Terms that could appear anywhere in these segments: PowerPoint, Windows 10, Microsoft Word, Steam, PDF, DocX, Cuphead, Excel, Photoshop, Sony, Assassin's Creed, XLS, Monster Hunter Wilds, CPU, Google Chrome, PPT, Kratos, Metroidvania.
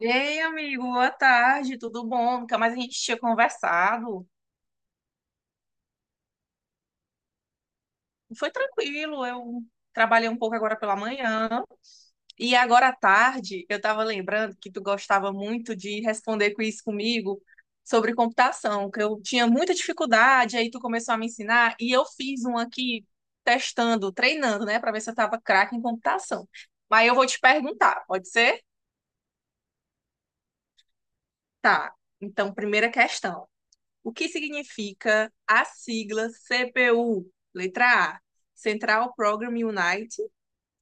Ei, amigo, boa tarde, tudo bom? Nunca mais a gente tinha conversado. Foi tranquilo, eu trabalhei um pouco agora pela manhã. E agora à tarde, eu estava lembrando que tu gostava muito de responder quiz comigo sobre computação, que eu tinha muita dificuldade, aí tu começou a me ensinar e eu fiz um aqui testando, treinando, né, para ver se eu estava craque em computação. Mas eu vou te perguntar, pode ser? Tá. Então, primeira questão. O que significa a sigla CPU? Letra A, Central Program Unit.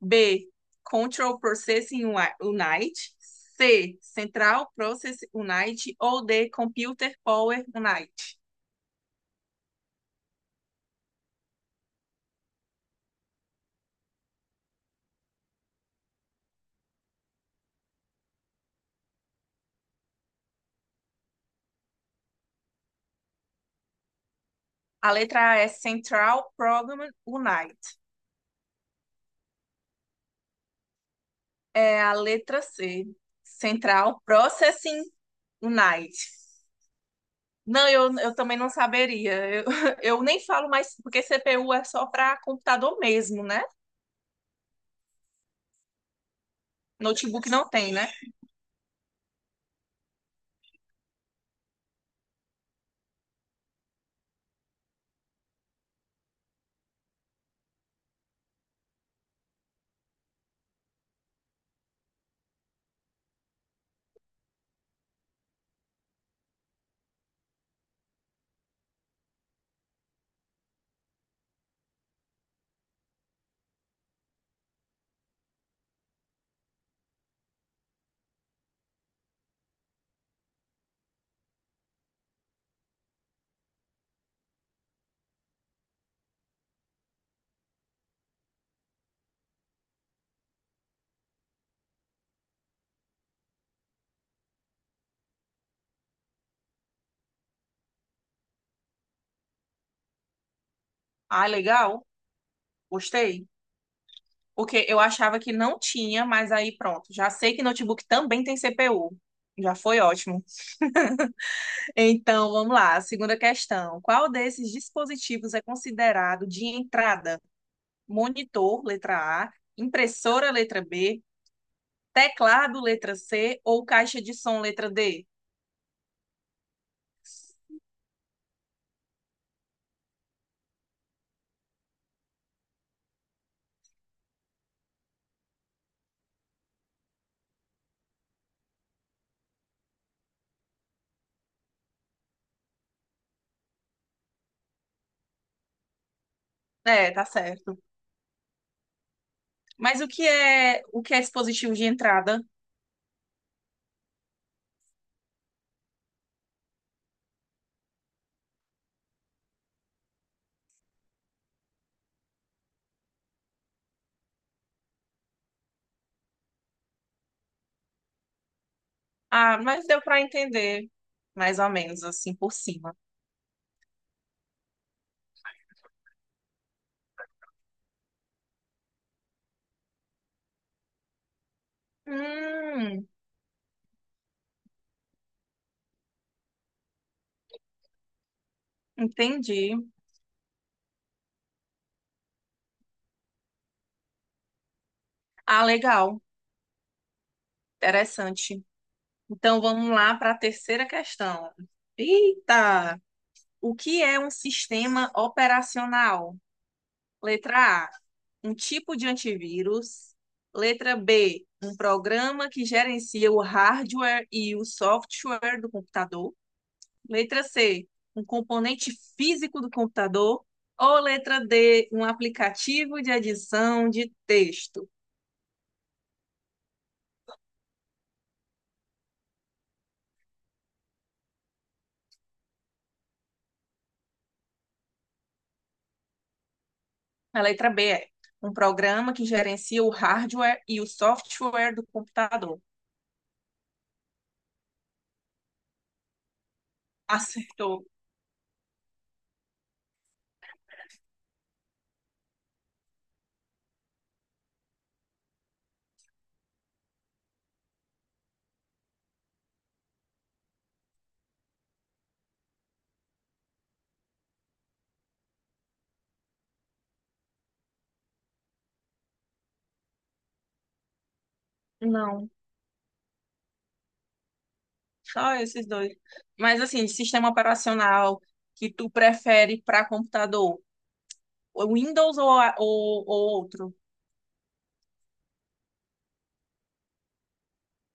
B, Control Processing Unit. C, Central Process Unit. Ou D, Computer Power Unit. A letra A é Central Program Unit. É a letra C, Central Processing Unit. Não, eu também não saberia. Eu, eu nem falo mais, porque CPU é só para computador mesmo, né? Notebook não tem, né? Ah, legal. Gostei. Porque eu achava que não tinha, mas aí pronto. Já sei que notebook também tem CPU. Já foi ótimo. Então, vamos lá. A segunda questão. Qual desses dispositivos é considerado de entrada? Monitor, letra A, impressora, letra B, teclado, letra C ou caixa de som, letra D? É, tá certo. Mas o que é dispositivo de entrada? Ah, mas deu para entender mais ou menos assim por cima. Hum, entendi. Ah, legal. Interessante. Então vamos lá para a terceira questão. Eita! O que é um sistema operacional? Letra A, um tipo de antivírus. Letra B, um programa que gerencia o hardware e o software do computador. Letra C, um componente físico do computador. Ou letra D, um aplicativo de adição de texto. A letra B é um programa que gerencia o hardware e o software do computador. Acertou. Não, só esses dois. Mas assim, de sistema operacional que tu prefere para computador, o Windows ou outro?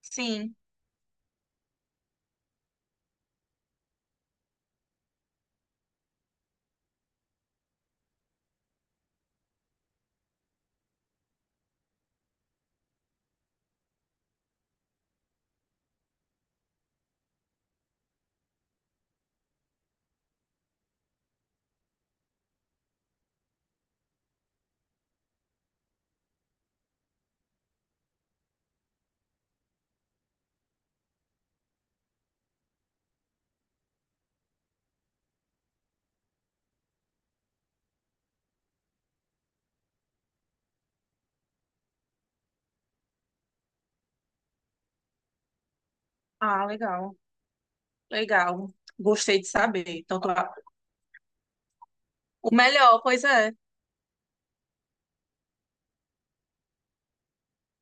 Sim. Ah, legal. Legal. Gostei de saber. O melhor, pois é,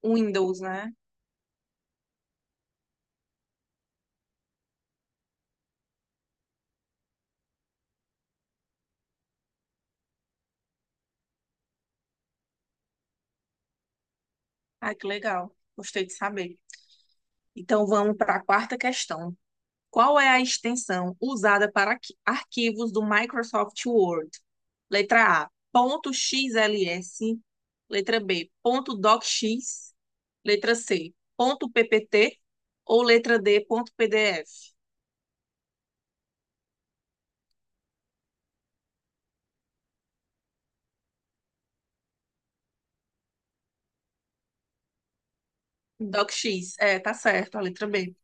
o Windows, né? Ai, que legal. Gostei de saber. Então, vamos para a quarta questão. Qual é a extensão usada para arquivos do Microsoft Word? Letra A, ponto .xls. Letra B, ponto .docx. Letra C, ponto .ppt. Ou letra D, ponto .pdf. DocX, é, tá certo, a letra B.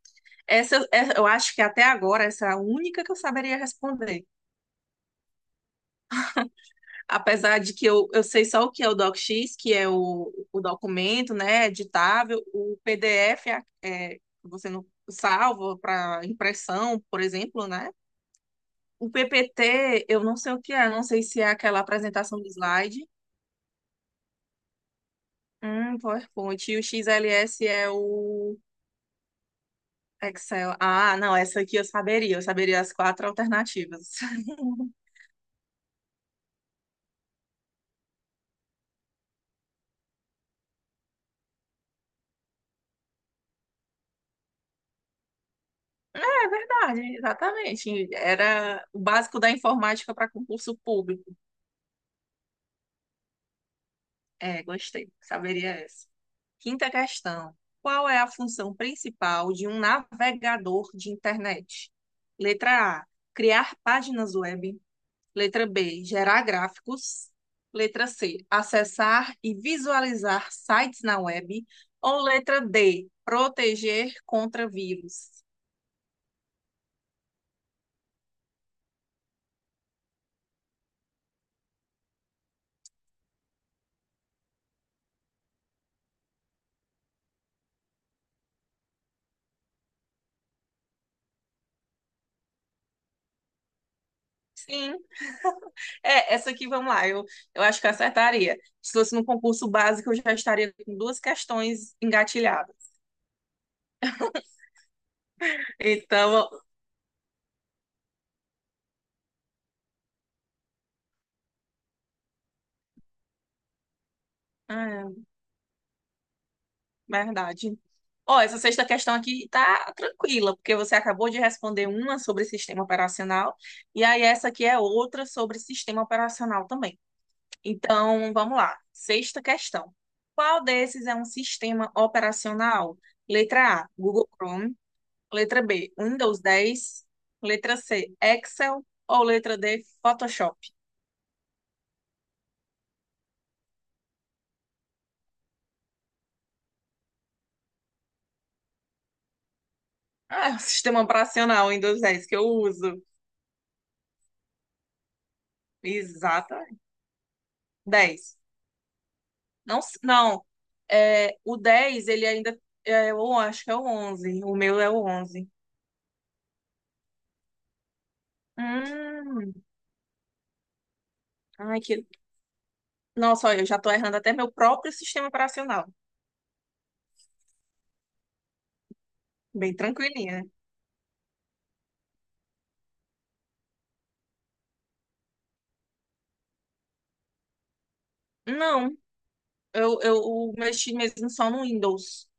Essa, eu acho que até agora essa é a única que eu saberia responder. Apesar de que eu sei só o que é o DocX, que é o documento, né, editável, o PDF é, você não salva para impressão, por exemplo, né? O PPT, eu não sei o que é, não sei se é aquela apresentação de slide, PowerPoint, e o XLS é o Excel. Ah, não, essa aqui eu saberia as quatro alternativas. É verdade, exatamente. Era o básico da informática para concurso público. É, gostei. Saberia essa. Quinta questão. Qual é a função principal de um navegador de internet? Letra A, criar páginas web. Letra B, gerar gráficos. Letra C, acessar e visualizar sites na web. Ou letra D, proteger contra vírus. Sim, é, essa aqui, vamos lá, eu acho que eu acertaria. Se fosse no concurso básico, eu já estaria com duas questões engatilhadas. Então, ah, verdade. Ó, essa sexta questão aqui tá tranquila, porque você acabou de responder uma sobre sistema operacional, e aí essa aqui é outra sobre sistema operacional também. Então, vamos lá. Sexta questão. Qual desses é um sistema operacional? Letra A, Google Chrome. Letra B, Windows 10. Letra C, Excel. Ou letra D, Photoshop? Ah, é o sistema operacional Windows 10 que eu uso. Exata. 10. Não, não. É, o 10 ele ainda. É, eu acho que é o onze. O meu é o onze. Hum. Ai, que. Nossa, olha, eu já tô errando até meu próprio sistema operacional. Bem tranquilinha. Não, eu mexi mesmo só no Windows.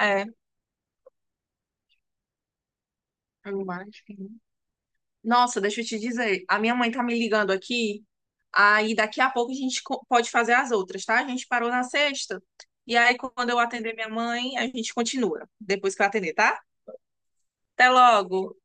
É, eu acho que. Nossa, deixa eu te dizer. A minha mãe tá me ligando aqui. Aí daqui a pouco a gente pode fazer as outras, tá? A gente parou na sexta. E aí, quando eu atender minha mãe, a gente continua. Depois que eu atender, tá? Até logo.